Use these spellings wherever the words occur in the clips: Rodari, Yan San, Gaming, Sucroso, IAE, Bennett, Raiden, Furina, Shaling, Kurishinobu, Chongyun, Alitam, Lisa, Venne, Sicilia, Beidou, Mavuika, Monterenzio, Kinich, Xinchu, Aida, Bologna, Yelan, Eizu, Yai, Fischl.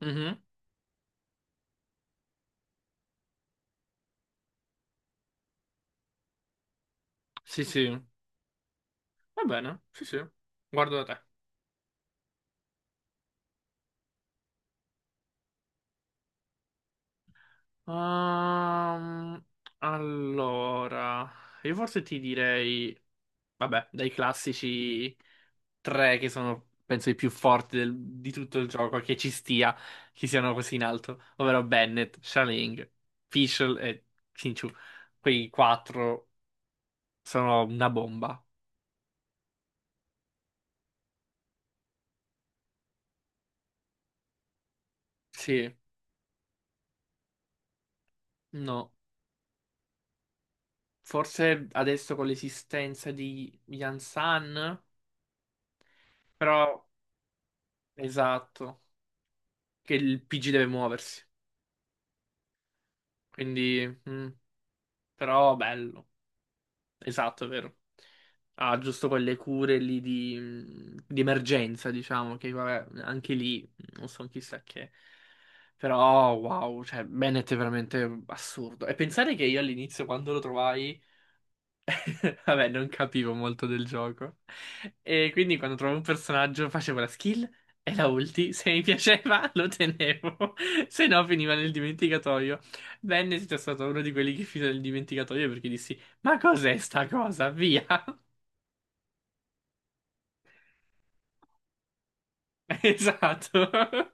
Mhm. Sì, sì, va bene, sì, sì, guardo da te. Ehm, allora, io forse ti direi, vabbè, dai classici tre che sono, penso, i più forti di tutto il gioco, che ci stia, che siano così in alto, ovvero Bennett, Shaling, Fischl e Xinchu. Quei quattro sono una bomba. Sì, no, forse adesso con l'esistenza di Yan San, però. Esatto, che il PG deve muoversi. Quindi, però bello. Esatto, è vero. Ha giusto quelle cure lì di, di emergenza, diciamo, che vabbè, anche lì non so chissà che. Però wow, cioè Bennett è veramente assurdo. E pensare che io all'inizio quando lo trovai vabbè, non capivo molto del gioco. E quindi quando trovavo un personaggio facevo la skill e la ulti. Se mi piaceva lo tenevo, se no finiva nel dimenticatoio. Venne è stato uno di quelli che finì nel dimenticatoio perché dissi: "Ma cos'è sta cosa? Via!" Esatto,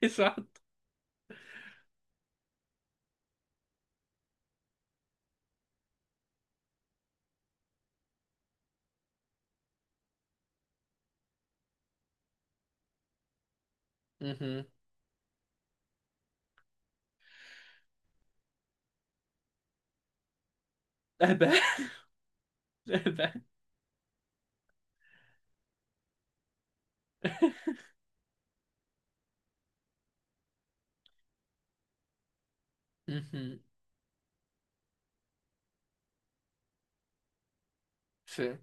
esatto. Mhm. Eh beh, eh beh. Mhm. Sì,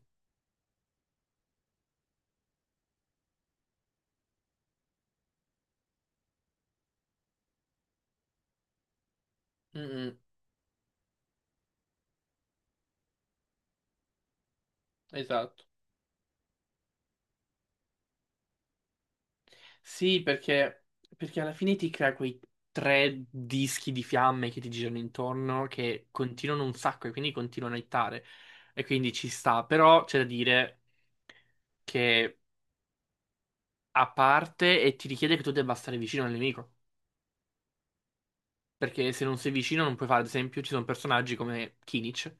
mhm. Esatto. Sì, perché alla fine ti crea quei tre dischi di fiamme che ti girano intorno che continuano un sacco e quindi continuano a ittare. E quindi ci sta. Però c'è da dire che a parte e ti richiede che tu debba stare vicino al nemico. Perché se non sei vicino non puoi fare, ad esempio, ci sono personaggi come Kinich,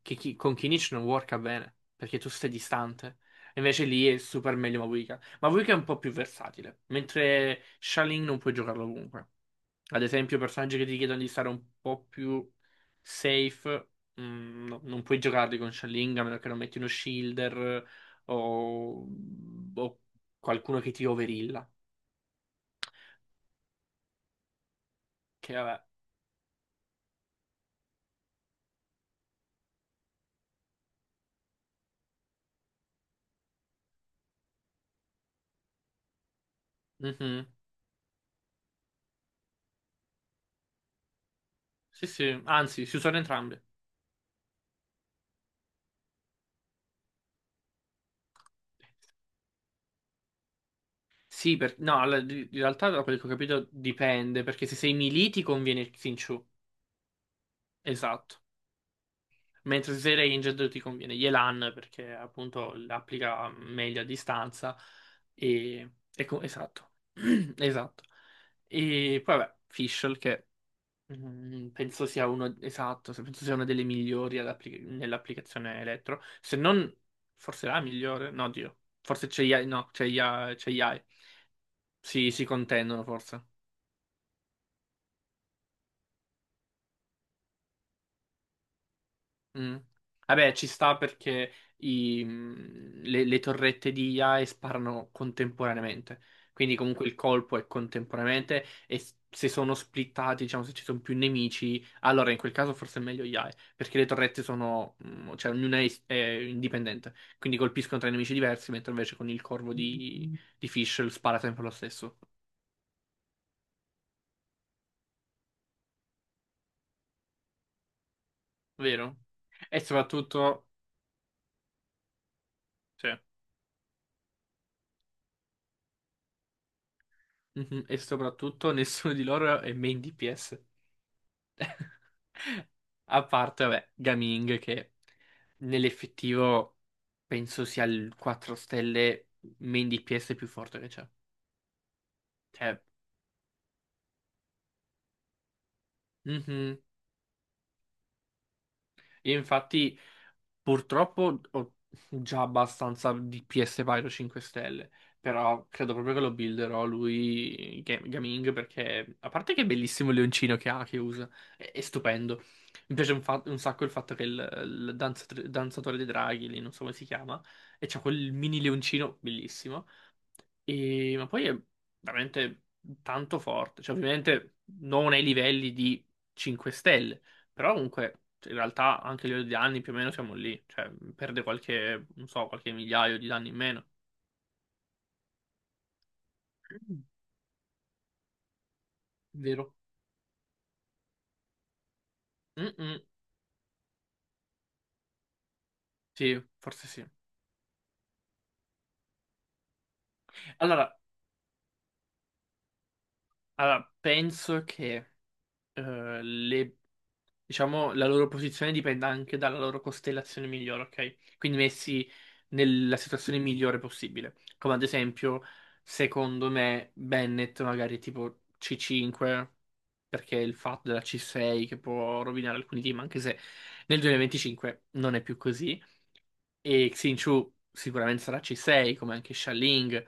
con Kinich non worka bene, perché tu stai distante. Invece lì è super meglio Mavuika. Mavuika è un po' più versatile, mentre Shaling non puoi giocarlo ovunque. Ad esempio, personaggi che ti chiedono di stare un po' più safe, no, non puoi giocarli con Shaling a meno che non metti uno shielder o, o qualcuno che ti overilla. Che vabbè. Mhm. Sì, sì, anzi, si usano entrambi. Sì, no, in realtà da quello che ho capito dipende, perché se sei melee ti conviene Xinchu, esatto. Mentre se sei ranged ti conviene Yelan, perché appunto applica meglio a distanza. Esatto, esatto. E poi vabbè, Fischl che penso sia uno, esatto, penso sia una delle migliori ad nell'applicazione elettro, se non forse la migliore, no, Dio, forse c'è Yai, no, c'è Yai, c'è Yai. Sì, si contendono forse. Mm. Vabbè, ci sta perché le torrette di IAE sparano contemporaneamente. Quindi comunque il colpo è contemporaneamente e se sono splittati, diciamo, se ci sono più nemici, allora in quel caso forse è meglio IAE, perché le torrette sono, cioè ognuna è, è indipendente, quindi colpiscono tre nemici diversi, mentre invece con il corvo di Fischl spara sempre lo stesso, vero? E soprattutto, cioè, mhm, e soprattutto nessuno di loro è main DPS. A parte, vabbè, Gaming che nell'effettivo penso sia il 4 stelle main DPS più forte che c'è. Cioè, mhm. Io infatti purtroppo ho già abbastanza di PS Pyro 5 stelle, però credo proprio che lo builderò lui Gaming perché a parte che è bellissimo il leoncino che ha, che usa, è stupendo. Mi piace un sacco il fatto che il danzatore dei draghi, lì non so come si chiama, e c'ha quel mini leoncino bellissimo. Ma poi è veramente tanto forte. Cioè, ovviamente non ai livelli di 5 stelle, però comunque cioè, in realtà anche a livello di danni più o meno siamo lì. Cioè, perde qualche, non so, qualche migliaio di danni in meno. Vero? Mm-mm. Sì, forse sì. Allora, allora, penso che le diciamo, la loro posizione dipende anche dalla loro costellazione migliore, ok? Quindi messi nella situazione migliore possibile. Come ad esempio, secondo me, Bennett magari tipo C5, perché il fatto della C6 che può rovinare alcuni team, anche se nel 2025 non è più così. E Xin Chu sicuramente sarà C6, come anche Sha Ling.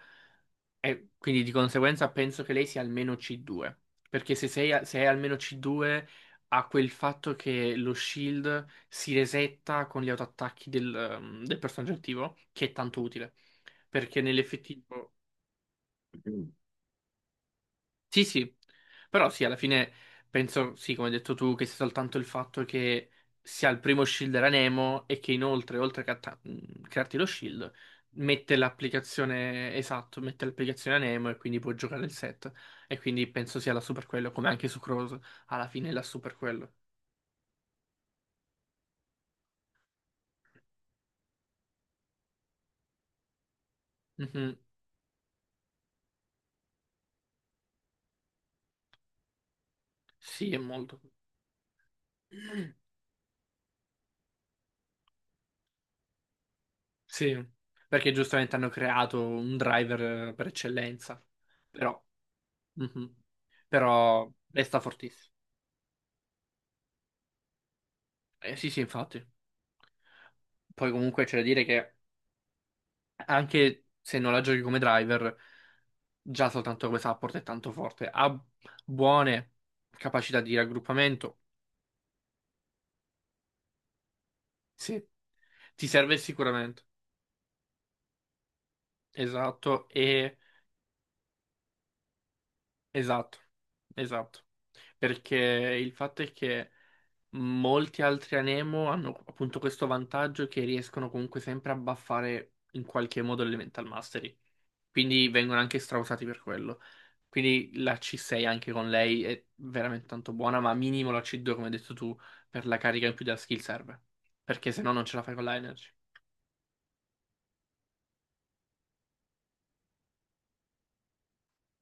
E quindi di conseguenza penso che lei sia almeno C2, perché se, sei a- se è almeno C2 ha quel fatto che lo shield si resetta con gli autoattacchi del personaggio attivo, che è tanto utile, perché nell'effettivo. Sì, sì, però sì, alla fine penso, sì, come hai detto tu, che sia soltanto il fatto che sia il primo shield era Nemo e che inoltre, oltre che a crearti lo shield, mette l'applicazione, esatto, mette l'applicazione a Nemo e quindi può giocare il set. E quindi penso sia la super quello, come anche su Cross, alla fine è la super quello. Mhm. Sì, è molto. Sì, perché giustamente hanno creato un driver per eccellenza, però, mhm. Però resta fortissimo. Sì, sì, infatti. Poi comunque c'è da dire che anche se non la giochi come driver, già soltanto come support è tanto forte. Ha buone capacità di raggruppamento. Sì, ti serve sicuramente. Esatto, e esatto, esatto. Perché il fatto è che molti altri Anemo hanno appunto questo vantaggio che riescono comunque sempre a buffare in qualche modo l'Elemental Mastery. Quindi vengono anche strausati per quello. Quindi la C6 anche con lei è veramente tanto buona, ma minimo la C2, come hai detto tu, per la carica in più della skill serve. Perché se no non ce la fai con la energy.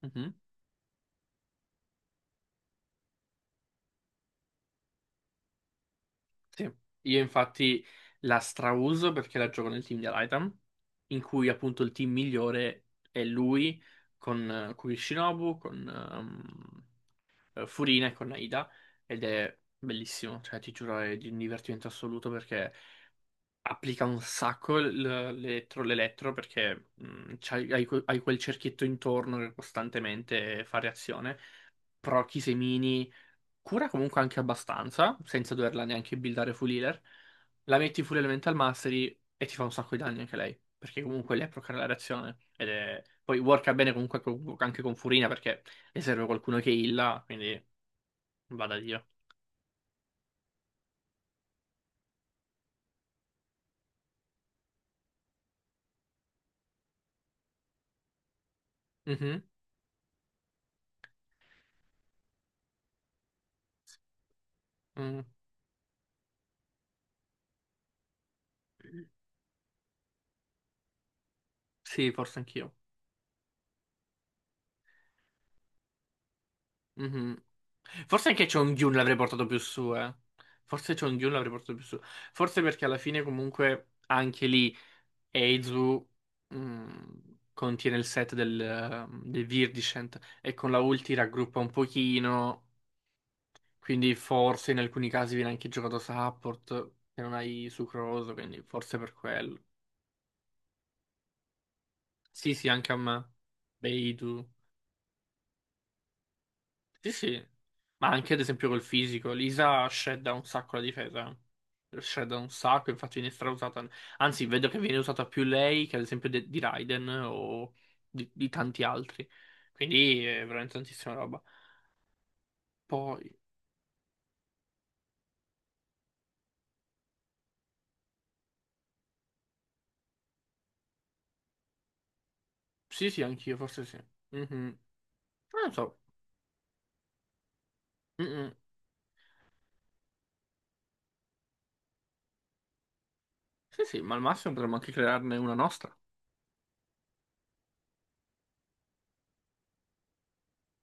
Mhm, sì. Io infatti la strauso perché la gioco nel team di Alitam, in cui appunto il team migliore è lui con Kurishinobu, con Furina e con Aida. Ed è bellissimo, cioè ti giuro è di un divertimento assoluto perché applica un sacco l'elettro perché hai quel cerchietto intorno che costantemente fa reazione. Proc, i semini, cura comunque anche abbastanza, senza doverla neanche buildare full healer. La metti full elemental mastery e ti fa un sacco di danni anche lei, perché comunque lei procca la reazione. Ed è. Poi worka bene comunque anche con Furina perché le serve qualcuno che illa, quindi vada Dio. Mhm. Mm. Sì, forse anch'io. Mhm. Forse anche Chongyun l'avrei portato più su, eh. Forse Chongyun l'avrei portato più su. Forse perché alla fine comunque anche lì Eizu mh, contiene il set del Virdiscent e con la ulti raggruppa un pochino, quindi forse in alcuni casi viene anche giocato support, che non hai Sucroso, quindi forse per quello. Sì, sì, anche a me. Beidou. Sì, sì. Ma anche ad esempio col fisico, Lisa shredda un sacco la difesa. Shredda un sacco, infatti viene strausata. Anzi, vedo che viene usata più lei che ad esempio di Raiden o di tanti altri. Quindi è veramente tantissima roba. Poi, sì, sì, anch'io, forse sì. Mhm. Non lo so. Mm-mm. Sì, sì, ma al massimo potremmo anche crearne una nostra.